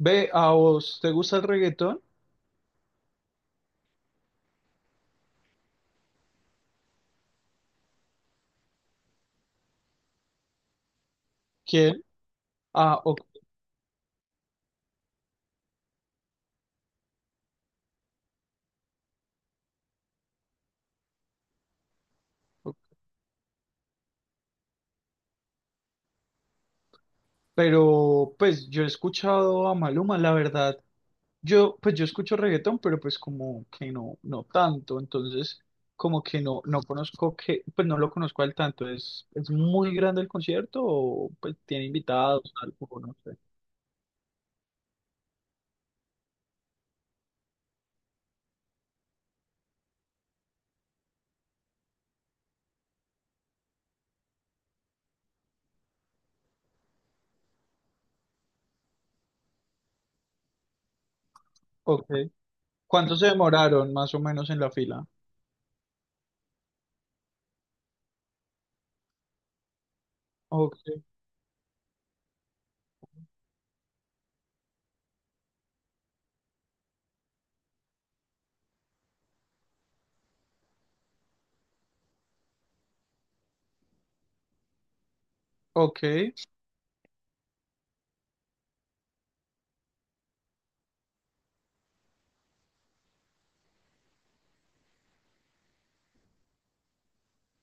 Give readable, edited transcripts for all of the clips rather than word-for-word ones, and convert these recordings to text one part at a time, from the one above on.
Ve, ¿a vos te gusta el reggaetón? ¿Quién? Ah, ok, ok. Pero pues yo he escuchado a Maluma, la verdad. Yo, pues yo escucho reggaetón, pero pues como que no tanto. Entonces, como que no conozco que, pues no lo conozco al tanto. ¿Es muy grande el concierto o pues tiene invitados, algo, no sé? Ok. ¿Cuánto se demoraron más o menos en la fila? Ok, ok,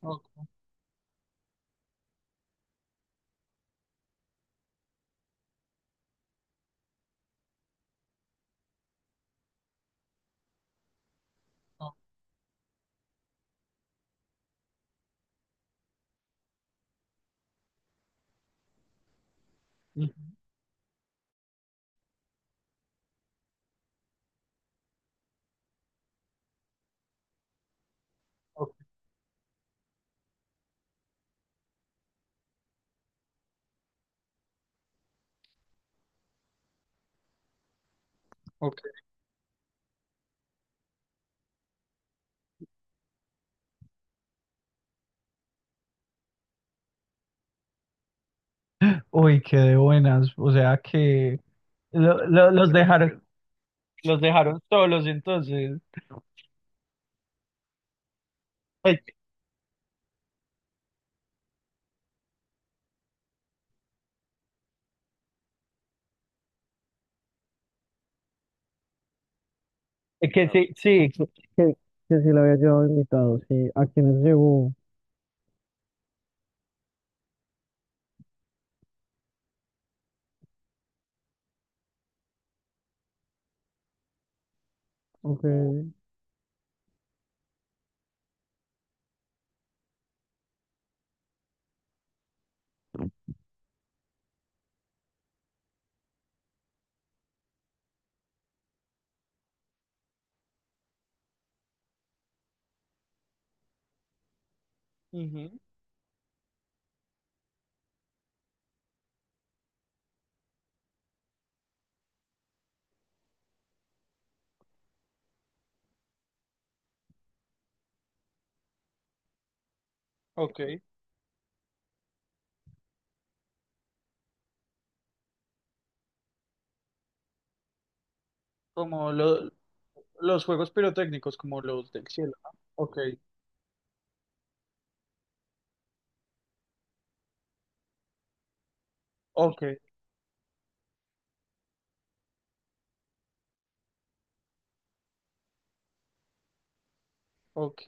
ok, ok, ujú, ok, ok. Uy, qué de buenas. O sea que los dejaron, los dejaron solos, entonces. Ay, que claro, sí, sí. Que, sí le había llevado invitado, sí. ¿A quiénes llegó? Ok. Ujú, ok, como lo- los juegos pirotécnicos, como los del cielo, ¿no? Ok, ok, ok.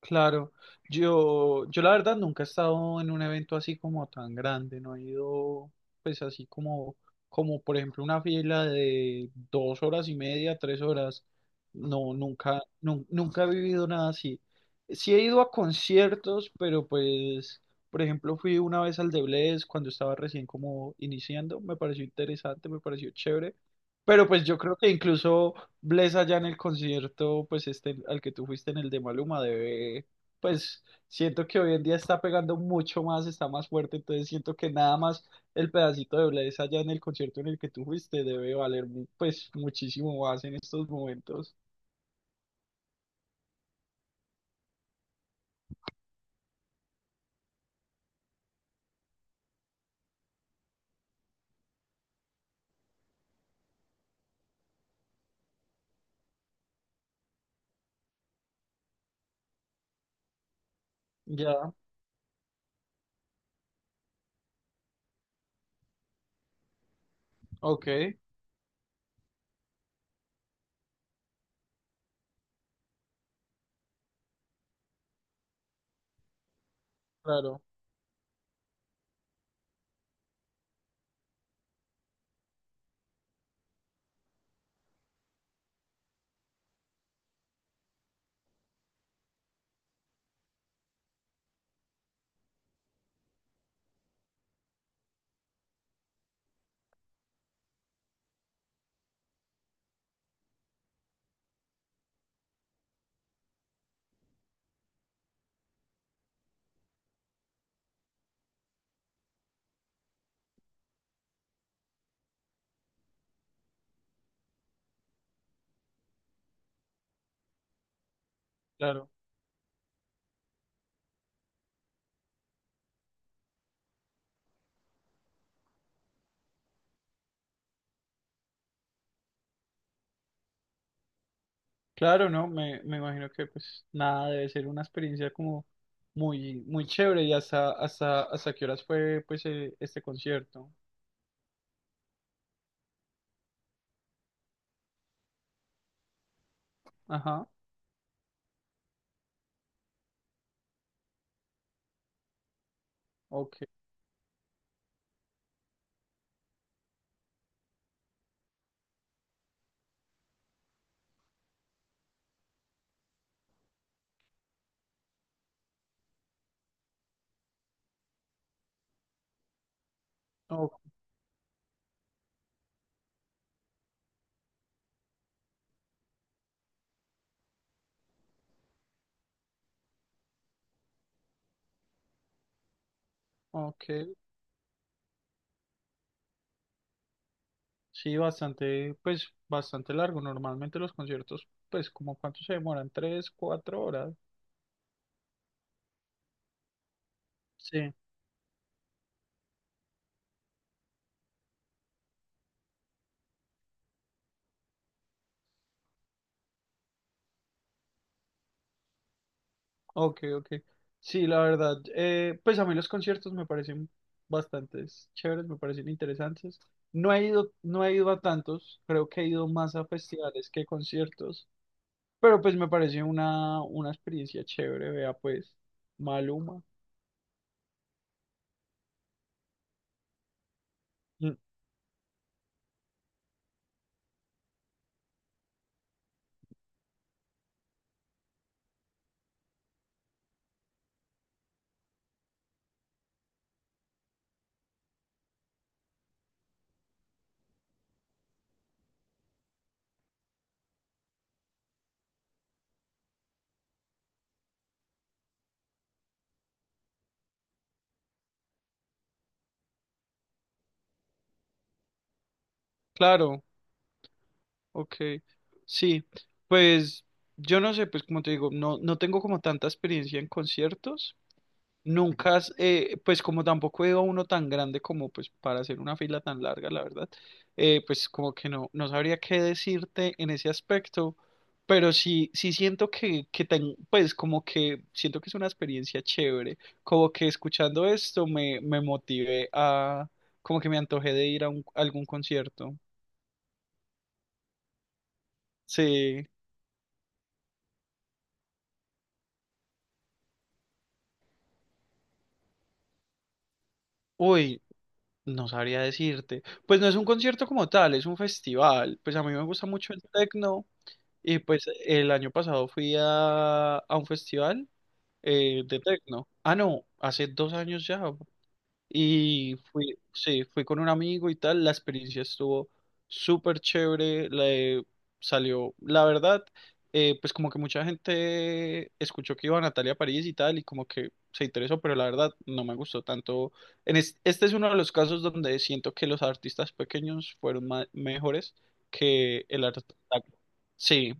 Claro, yo la verdad nunca he estado en un evento así como tan grande, no he ido pues así como, como por ejemplo una fila de 2 horas y media, 3 horas, no, nunca he vivido nada así. Sí he ido a conciertos, pero pues, por ejemplo, fui una vez al de Bless cuando estaba recién como iniciando, me pareció interesante, me pareció chévere, pero pues yo creo que incluso Bless allá en el concierto, pues este al que tú fuiste en el de Maluma, debe, pues siento que hoy en día está pegando mucho más, está más fuerte, entonces siento que nada más el pedacito de Bless allá en el concierto en el que tú fuiste debe valer pues muchísimo más en estos momentos. Ya, ok, claro, claro. Claro, no, me imagino que pues nada, debe ser una experiencia como muy, muy chévere y hasta qué horas fue pues este concierto. Ajá, ok, o ok. Sí, bastante, pues bastante largo. Normalmente los conciertos, pues como cuánto se demoran, 3, 4 horas. Sí, ok, ok. Sí, la verdad, pues a mí los conciertos me parecen bastante chéveres, me parecen interesantes. No he ido a tantos, creo que he ido más a festivales que conciertos, pero pues me parece una experiencia chévere, vea pues, Maluma. Mm, claro, ok, sí, pues yo no sé, pues como te digo, no tengo como tanta experiencia en conciertos, nunca, has- pues como tampoco he ido a uno tan grande como pues para hacer una fila tan larga, la verdad, pues como que no sabría qué decirte en ese aspecto, pero sí, sí siento que, pues como que siento que es una experiencia chévere, como que escuchando esto me motivé a, como que me antojé de ir a algún concierto, sí. Uy, no sabría decirte. Pues no es un concierto como tal, es un festival. Pues a mí me gusta mucho el tecno y pues el año pasado fui a un festival de tecno. Ah, no, hace 2 años ya, y fui, sí, fui con un amigo y tal, la experiencia estuvo súper chévere, le salió, la verdad, pues como que mucha gente escuchó que iba a Natalia París y tal, y como que se interesó, pero la verdad no me gustó tanto. Este es uno de los casos donde siento que los artistas pequeños fueron mejores que el artista. Sí,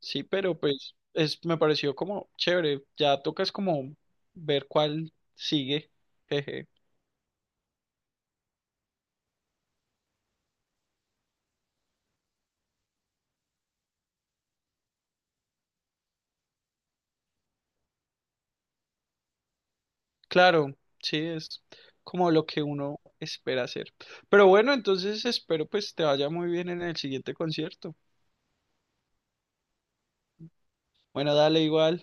sí, pero pues es, me pareció como chévere, ya toca es como ver cuál sigue. Jeje. Claro, sí, es como lo que uno espera hacer. Pero bueno, entonces espero pues te vaya muy bien en el siguiente concierto. Bueno, dale igual.